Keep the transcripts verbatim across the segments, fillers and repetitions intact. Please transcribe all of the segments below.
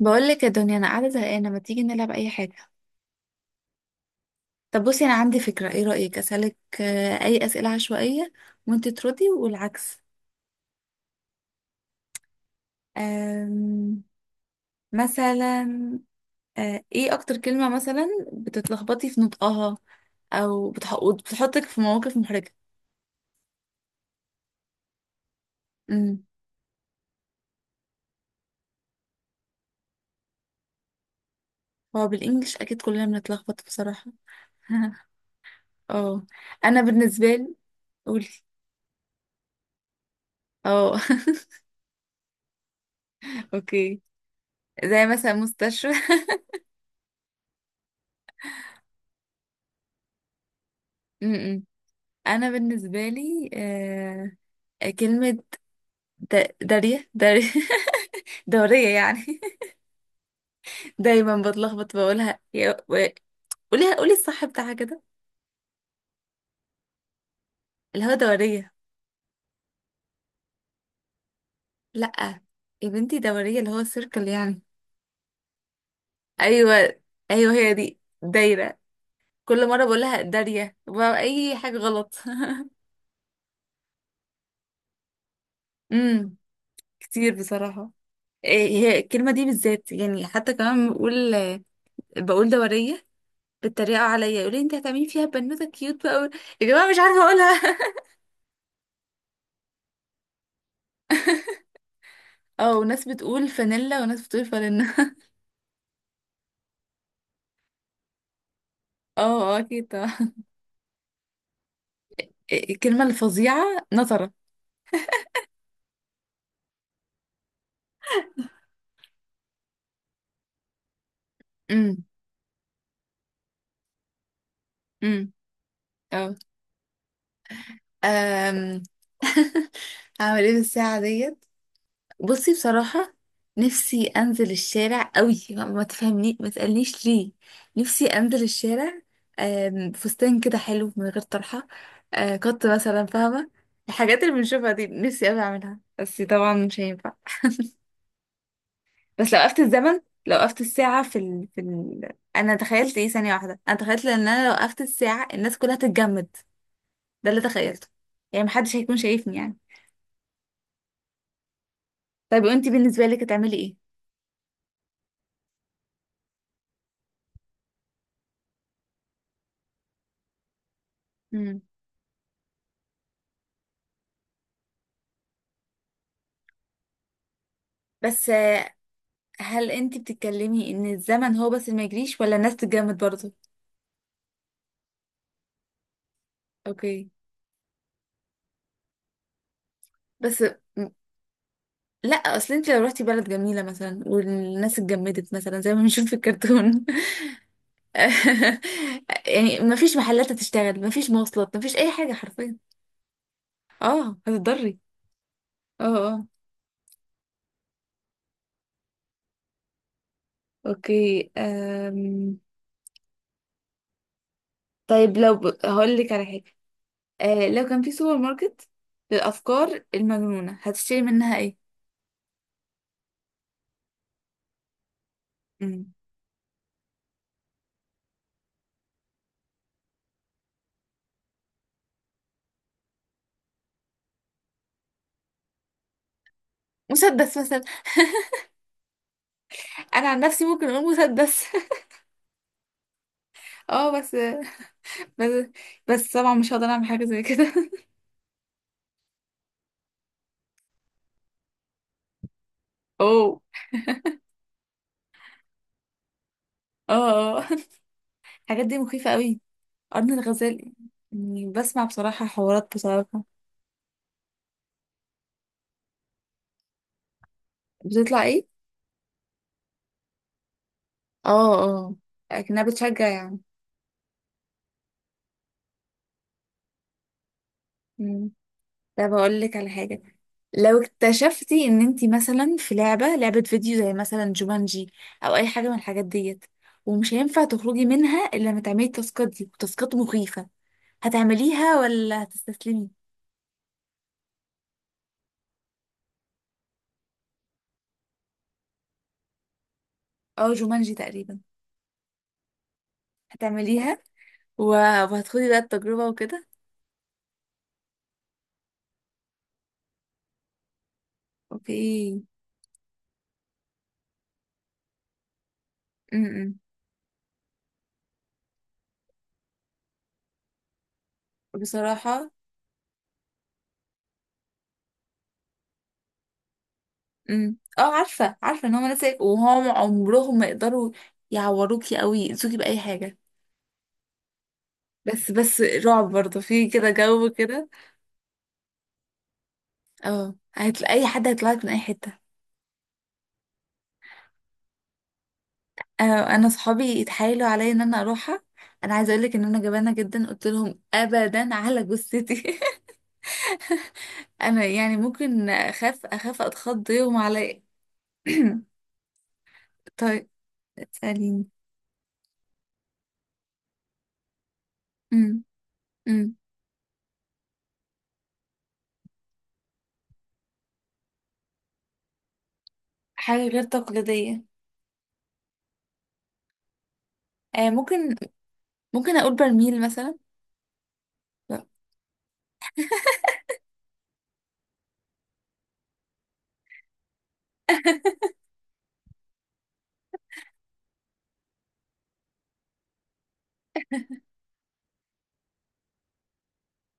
بقول لك يا دنيا، انا قاعده زهقانه. ما تيجي نلعب اي حاجه؟ طب بصي، انا عندي فكره. ايه رايك اسالك آه، اي اسئله عشوائيه وانت تردي والعكس. آم، مثلا آه، ايه اكتر كلمه مثلا بتتلخبطي في نطقها او بتح- بتحطك في مواقف محرجه؟ امم هو بالانجلش اكيد كلنا بنتلخبط بصراحه. اه، انا بالنسبه لي. قولي. اه. اوكي، زي مثلا مستشفى. م-م. انا بالنسبه لي آه، كلمه د- داريه داريه دوريه يعني. دايما بتلخبط بقولها يا- و- قوليها، قولي الصح بتاعها كده. اللي هو دوريه. لا، يا بنتي دوريه اللي هو سيركل يعني. ايوه، ايوه هي دي دايره. كل مره بقولها داريه، بقى اي حاجه غلط. امم كتير بصراحه. إيه، هي الكلمه دي بالذات يعني. حتى كمان بقول، بقول دوريه. بيتريقوا عليا يقولوا لي انت هتعملي فيها بنوته كيوت بقى أوي. يا جماعه مش عارفه اقولها. اه، وناس بتقول فانيلا وناس بتقول فانيلا. اه اه، اكيد طبعا. إيه، الكلمه الفظيعه نظره. امم. امم. اه. أم. هعمل ايه بالساعه ديت؟ بصي بصراحة، نفسي أنزل الشارع قوي. ما ما تفهمني، ما تسألنيش ليه. نفسي أنزل الشارع آم، فستان كده حلو من غير طرحة، آه، قط مثلا، فاهمة؟ الحاجات اللي بنشوفها دي نفسي أوي أعملها، بس طبعا مش هينفع. بس لو وقفت الزمن، لو وقفت الساعة في ال... في ال... أنا تخيلت إيه ثانية واحدة، أنا تخيلت إن أنا لو وقفت الساعة الناس كلها تتجمد. ده اللي تخيلته. يعني محدش هيكون شايفني يعني. طيب وأنتي بالنسبة لك هتعملي إيه؟ مم. بس هل انت بتتكلمي ان الزمن هو بس اللي ما يجريش ولا الناس تتجمد برضه؟ اوكي. بس م- لا، اصل انت لو رحتي بلد جميله مثلا والناس اتجمدت مثلا زي ما بنشوف في الكرتون، يعني ما فيش محلات تشتغل، ما فيش مواصلات، ما فيش اي حاجه حرفيا. اه، هتضري. اه اه. اوكي. أم... طيب لو ب... هقول لك على حاجه. أه، لو كان في سوبر ماركت للافكار المجنونه هتشتري منها ايه؟ مم. مسدس مثلا. انا عن نفسي ممكن اقول مسدس. اه، بس. بس. بس طبعا مش هقدر اعمل حاجه زي كده. اوه. اه اه. الحاجات دي مخيفه قوي. قرن الغزال يعني. بسمع بصراحه حوارات بصراحه. بتطلع ايه؟ اه اه. لكنها بتشجع يعني. مم. طب اقول لك على حاجه. لو اكتشفتي ان انتي مثلا في لعبه لعبه فيديو زي مثلا جومانجي، او اي حاجه من الحاجات ديت، ومش هينفع تخرجي منها الا لما تعملي التاسكات دي، والتاسكات مخيفه، هتعمليها ولا هتستسلمي؟ اه، جومانجي تقريبا. هتعمليها و- وهتخدي بقى التجربة وكده. اوكي. امم، بصراحة. امم، اه، عارفة، عارفة ان هما ناس، وهم عمرهم ما يقدروا يعوروكي او يأذوكي بأي حاجة. بس بس رعب برضه في كده، جو كده. اه، هتلاقي اي حد هيطلعك من اي حتة. انا انا صحابي اتحايلوا عليا ان انا اروحها. انا عايزه اقول لك ان انا جبانه جدا. قلت لهم ابدا على جثتي. انا يعني ممكن اخاف، اخاف اتخض يوم عليا. طيب اسأليني. امم. امم. حاجة غير تقليدية. آه، ممكن. ممكن أقول برميل مثلا.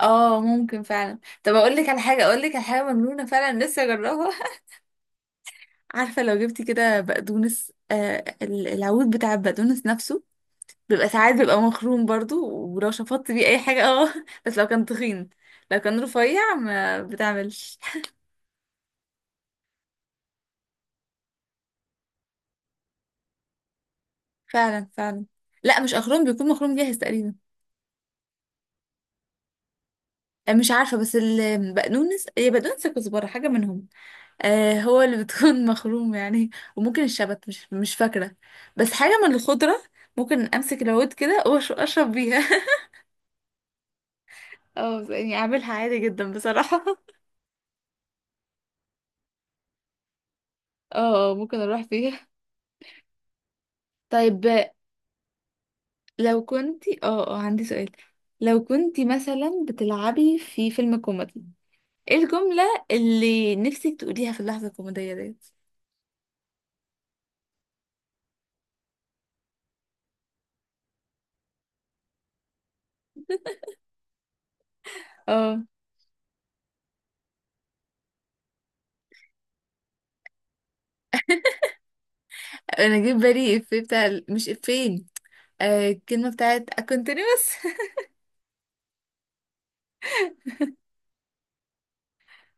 اه، ممكن فعلا. طب اقول لك على حاجه اقول لك على حاجه مجنونه فعلا لسه جربها. عارفه لو جبتي كده بقدونس، آه ال- العود بتاع البقدونس نفسه بيبقى ساعات، بيبقى مخروم برضو، ولو شفطت بيه اي حاجه اه. بس لو كان تخين. لو كان رفيع ما بتعملش. فعلا، فعلا. لا مش اخروم، بيكون مخروم جاهز تقريبا. آه، مش عارفه، بس البقدونس، هي بقدونس كزبره حاجه منهم. آه، هو اللي بتكون مخروم يعني. وممكن الشبت، مش مش فاكرة، بس حاجة من الخضرة. ممكن أمسك العود كده وأش- وأشرب بيها. اه يعني أعملها عادي جدا بصراحة. اه، آه، ممكن اروح فيها. طيب لو كنتي، اه اه عندي سؤال. لو كنتي مثلا بتلعبي في فيلم كوميدي، ايه الجملة اللي نفسك تقوليها في اللحظة الكوميدية ديت؟ اه، انا جيت بالي افيه بتاع، مش افيه، آه الكلمة بتاعت continuous.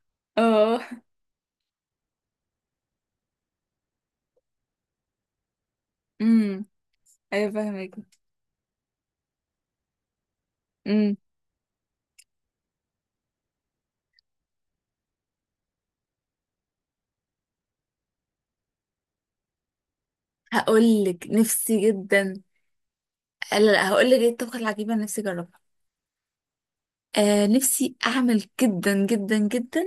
اه. امم. ايوه فاهمك. امم. هقول لك نفسي جدا. لا لا، هقول لك ايه الطبخه العجيبه اللي نفسي اجربها. آه نفسي اعمل جدا جدا جدا،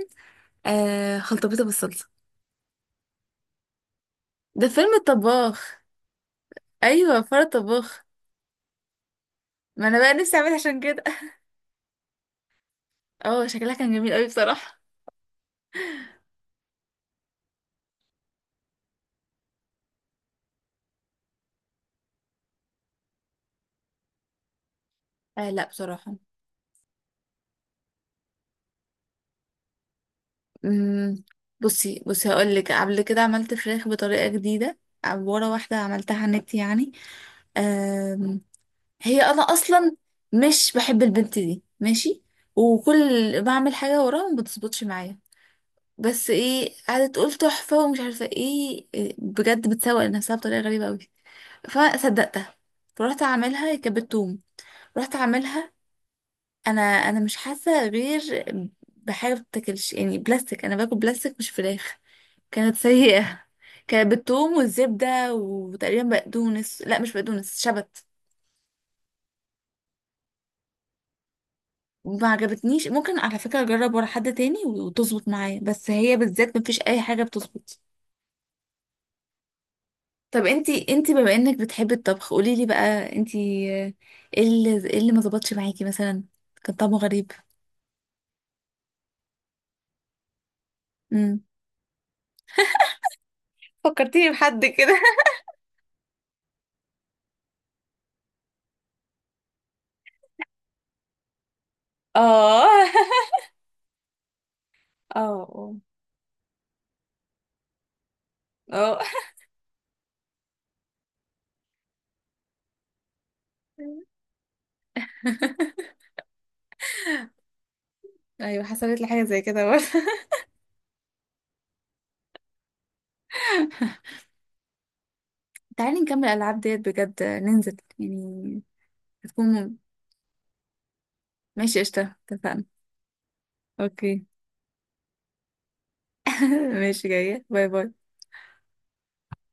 آه خلطبيطه بالصلصه. ده فيلم الطباخ، ايوه فار الطباخ. ما انا بقى نفسي اعملها عشان كده. اه، شكلها كان جميل قوي بصراحه. آه لا بصراحه. امم. بصي، بصي هقول لك، قبل كده عملت فراخ بطريقه جديده، ورا واحده عملتها على النت يعني. آه. هي انا اصلا مش بحب البنت دي، ماشي؟ وكل، بعمل حاجه وراها ما بتظبطش معايا. بس ايه، قعدت تقول تحفه ومش عارفه ايه، إيه، بجد بتسوق لنفسها بطريقه غريبه قوي. فصدقتها، فرحت اعملها، هي كانت بتوم. رحت اعملها، انا انا مش حاسه غير بحاجه ما بتاكلش يعني، بلاستيك. انا باكل بلاستيك مش فراخ. كانت سيئه. كانت بالثوم والزبده وتقريبا بقدونس، لا مش بقدونس، شبت. ما عجبتنيش. ممكن على فكرة اجرب ورا حد تاني وتظبط معايا، بس هي بالذات مفيش اي حاجة بتظبط. طب انتي، انتي بما انك بتحبي الطبخ قولي لي بقى انتي، آه، ايه اللي ايه اللي ما ظبطش معاكي مثلا، كان طعمه غريب؟ امم. فكرتيني بحد كده. اه. اه اه اه. ايوه حصلت لي حاجه زي كده برضه. تعالي نكمل الالعاب ديت بجد، ننزل يعني. هتكون مم- ماشي، قشطة، اتفقنا. اوكي. ماشي، جاية، باي باي.